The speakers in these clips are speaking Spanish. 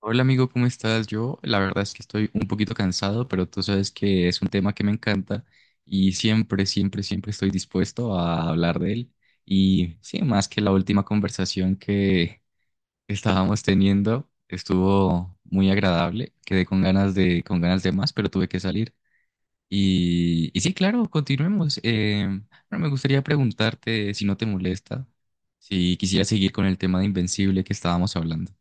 Hola amigo, ¿cómo estás? Yo la verdad es que estoy un poquito cansado, pero tú sabes que es un tema que me encanta y siempre, siempre, siempre estoy dispuesto a hablar de él. Y sí, más que la última conversación que estábamos teniendo, estuvo muy agradable, quedé con ganas con ganas de más, pero tuve que salir. Y sí, claro, continuemos. Bueno, me gustaría preguntarte si no te molesta, si quisiera seguir con el tema de Invencible que estábamos hablando.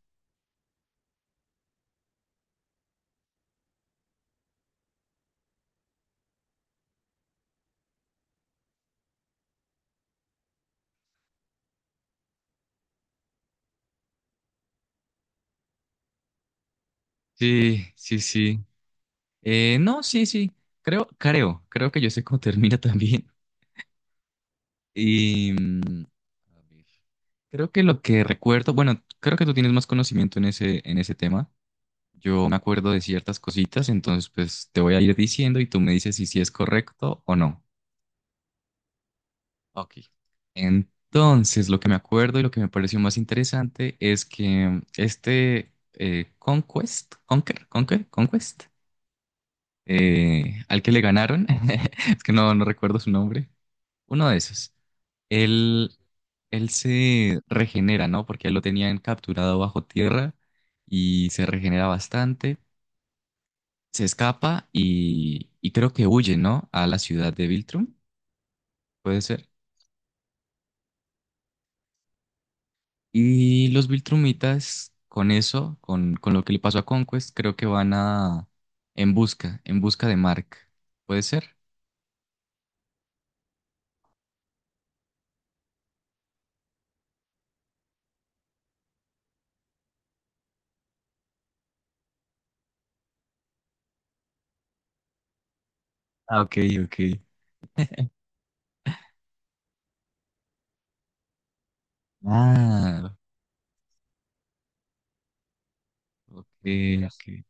Sí, sí, sí. No, sí, sí. Creo que yo sé cómo termina también. Y mm, a ver, creo que lo que recuerdo, bueno, creo que tú tienes más conocimiento en ese tema. Yo me acuerdo de ciertas cositas, entonces pues te voy a ir diciendo y tú me dices si sí es correcto o no. Ok. Entonces, lo que me acuerdo y lo que me pareció más interesante es que este Conquest, Conquest, al que le ganaron, es que no recuerdo su nombre. Uno de esos. Él, él se regenera, ¿no? Porque lo tenían capturado bajo tierra y se regenera bastante. Se escapa y creo que huye, ¿no? A la ciudad de Viltrum, puede ser. Y los Viltrumitas, con eso, con lo que le pasó a Conquest, creo que van a... en busca de Mark. ¿Puede ser? Ah, ok, ok. Ah, ok, ok.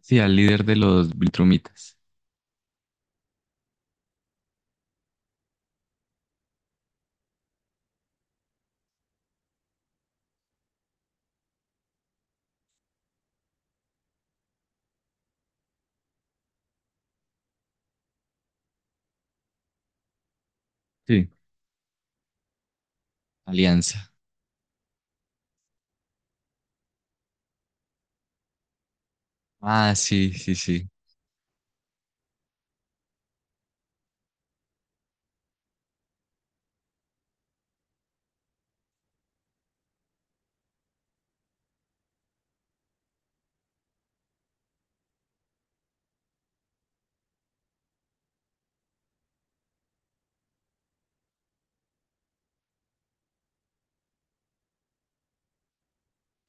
Sí, al líder de los Viltrumitas. Sí. Alianza. Ah, sí, sí, sí.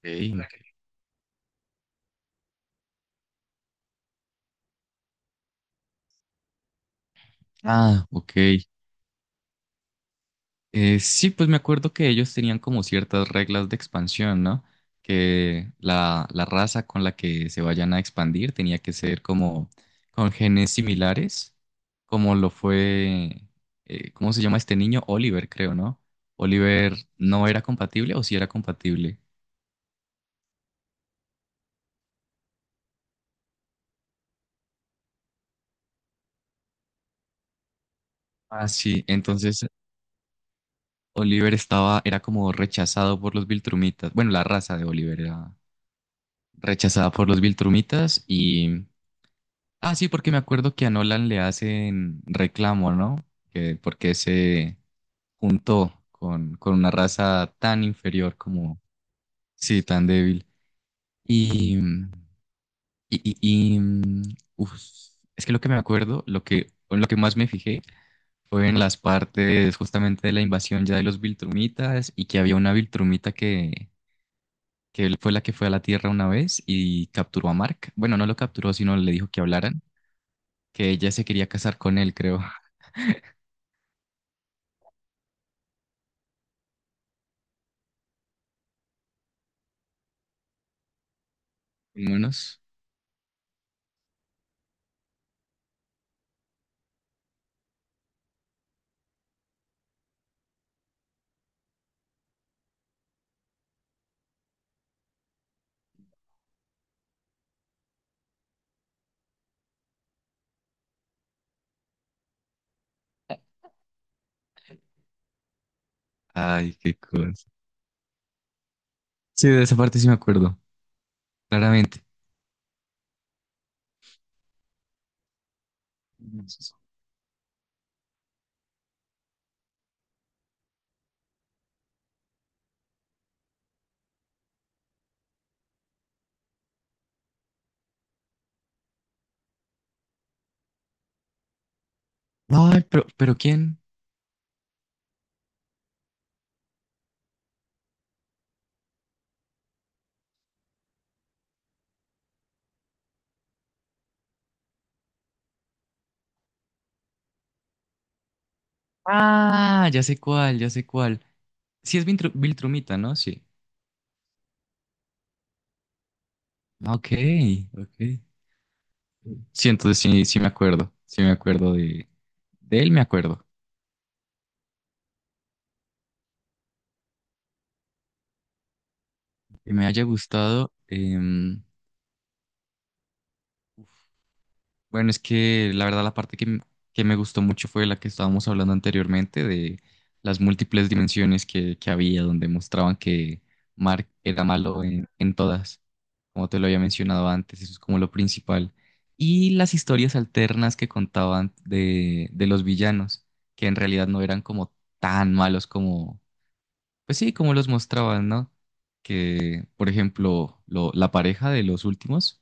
Ok. Ah, ok. Sí, pues me acuerdo que ellos tenían como ciertas reglas de expansión, ¿no? Que la raza con la que se vayan a expandir tenía que ser como con genes similares, como lo fue, ¿cómo se llama este niño? Oliver, creo, ¿no? Oliver no era compatible o sí era compatible. Ah, sí, entonces Oliver estaba, era como rechazado por los Viltrumitas. Bueno, la raza de Oliver era rechazada por los Viltrumitas y... Ah, sí, porque me acuerdo que a Nolan le hacen reclamo, ¿no? Que porque se juntó con una raza tan inferior como... Sí, tan débil. Y... y, y- mm, uf, es que lo que me acuerdo, lo que, en lo que más me fijé fue en las partes justamente de la invasión ya de los Viltrumitas y que había una Viltrumita que él fue la que fue a la Tierra una vez y capturó a Mark. Bueno, no lo capturó, sino le dijo que hablaran. Que ella se quería casar con él, creo. Vámonos. Ay, qué cosa. Sí, de esa parte sí me acuerdo, claramente. Ay, pero ¿quién? Ah, ya sé cuál, ya sé cuál. Sí, es Viltrumita, ¿no? Sí. Ah, ok, ok. Sí, entonces sí, sí me acuerdo. Sí me acuerdo de él, me acuerdo. Que me haya gustado. Bueno, es que la verdad la parte que, que me gustó mucho fue la que estábamos hablando anteriormente de las múltiples dimensiones que había, donde mostraban que Mark era malo en todas, como te lo había mencionado antes, eso es como lo principal. Y las historias alternas que contaban de los villanos, que en realidad no eran como tan malos como, pues sí, como los mostraban, ¿no? Que, por ejemplo, la pareja de los últimos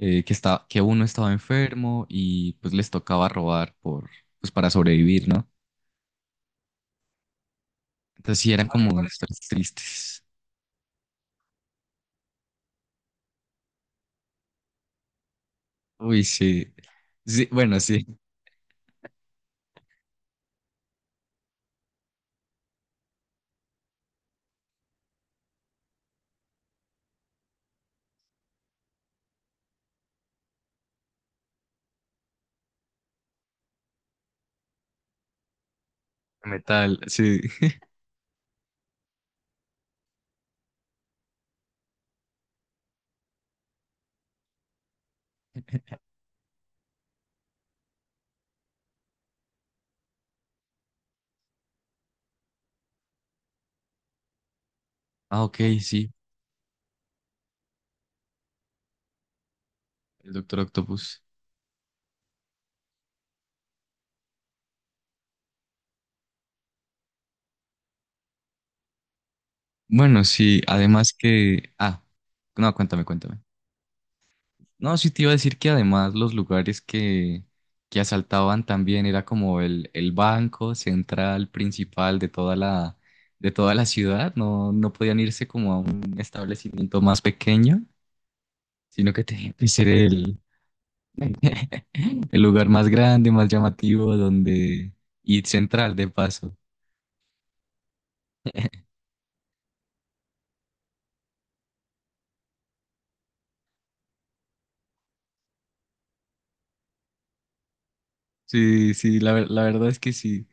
que está, que uno estaba enfermo y pues les tocaba robar por, pues para sobrevivir, ¿no? Entonces sí eran como historias tristes. Uy, sí. Sí, bueno, sí, metal, sí. Ah, ok, sí, el Doctor Octopus. Bueno, sí, además que... Ah, no, cuéntame, cuéntame. No, sí te iba a decir que además los lugares que asaltaban también era como el banco central principal de toda la ciudad. No, no podían irse como a un establecimiento más pequeño, sino que tenía que ser el lugar más grande, más llamativo, donde, y central de paso. Sí, sí, la, la verdad es que sí.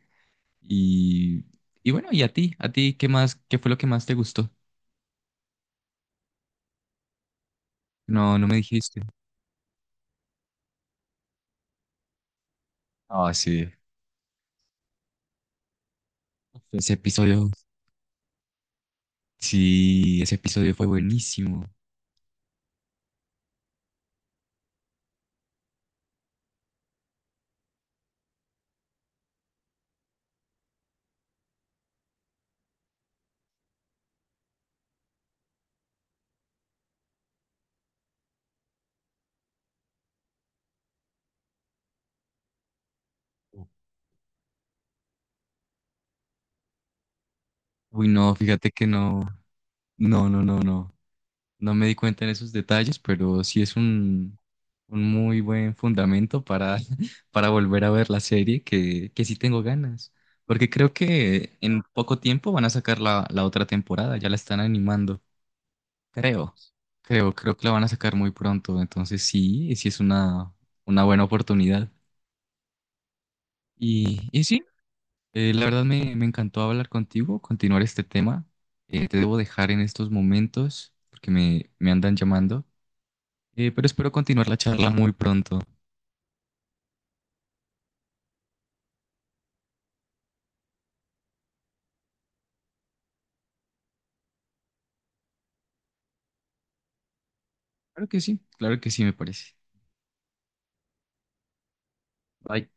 Y, y bueno, ¿y a ti? ¿A ti qué más, qué fue lo que más te gustó? No, no me dijiste. Ah, sí. Ese episodio. Sí, ese episodio fue buenísimo. Uy, no, fíjate que no, no, no, no, no. No me di cuenta en esos detalles, pero sí es un muy buen fundamento para, para volver a ver la serie, que sí tengo ganas. Porque creo que en poco tiempo van a sacar la, la otra temporada, ya la están animando. Creo, Creo que la van a sacar muy pronto. Entonces sí, sí es una buena oportunidad. Y sí, la verdad me, me encantó hablar contigo, continuar este tema. Te debo dejar en estos momentos porque me andan llamando. Pero espero continuar la charla muy pronto. Claro que sí, me parece. Bye.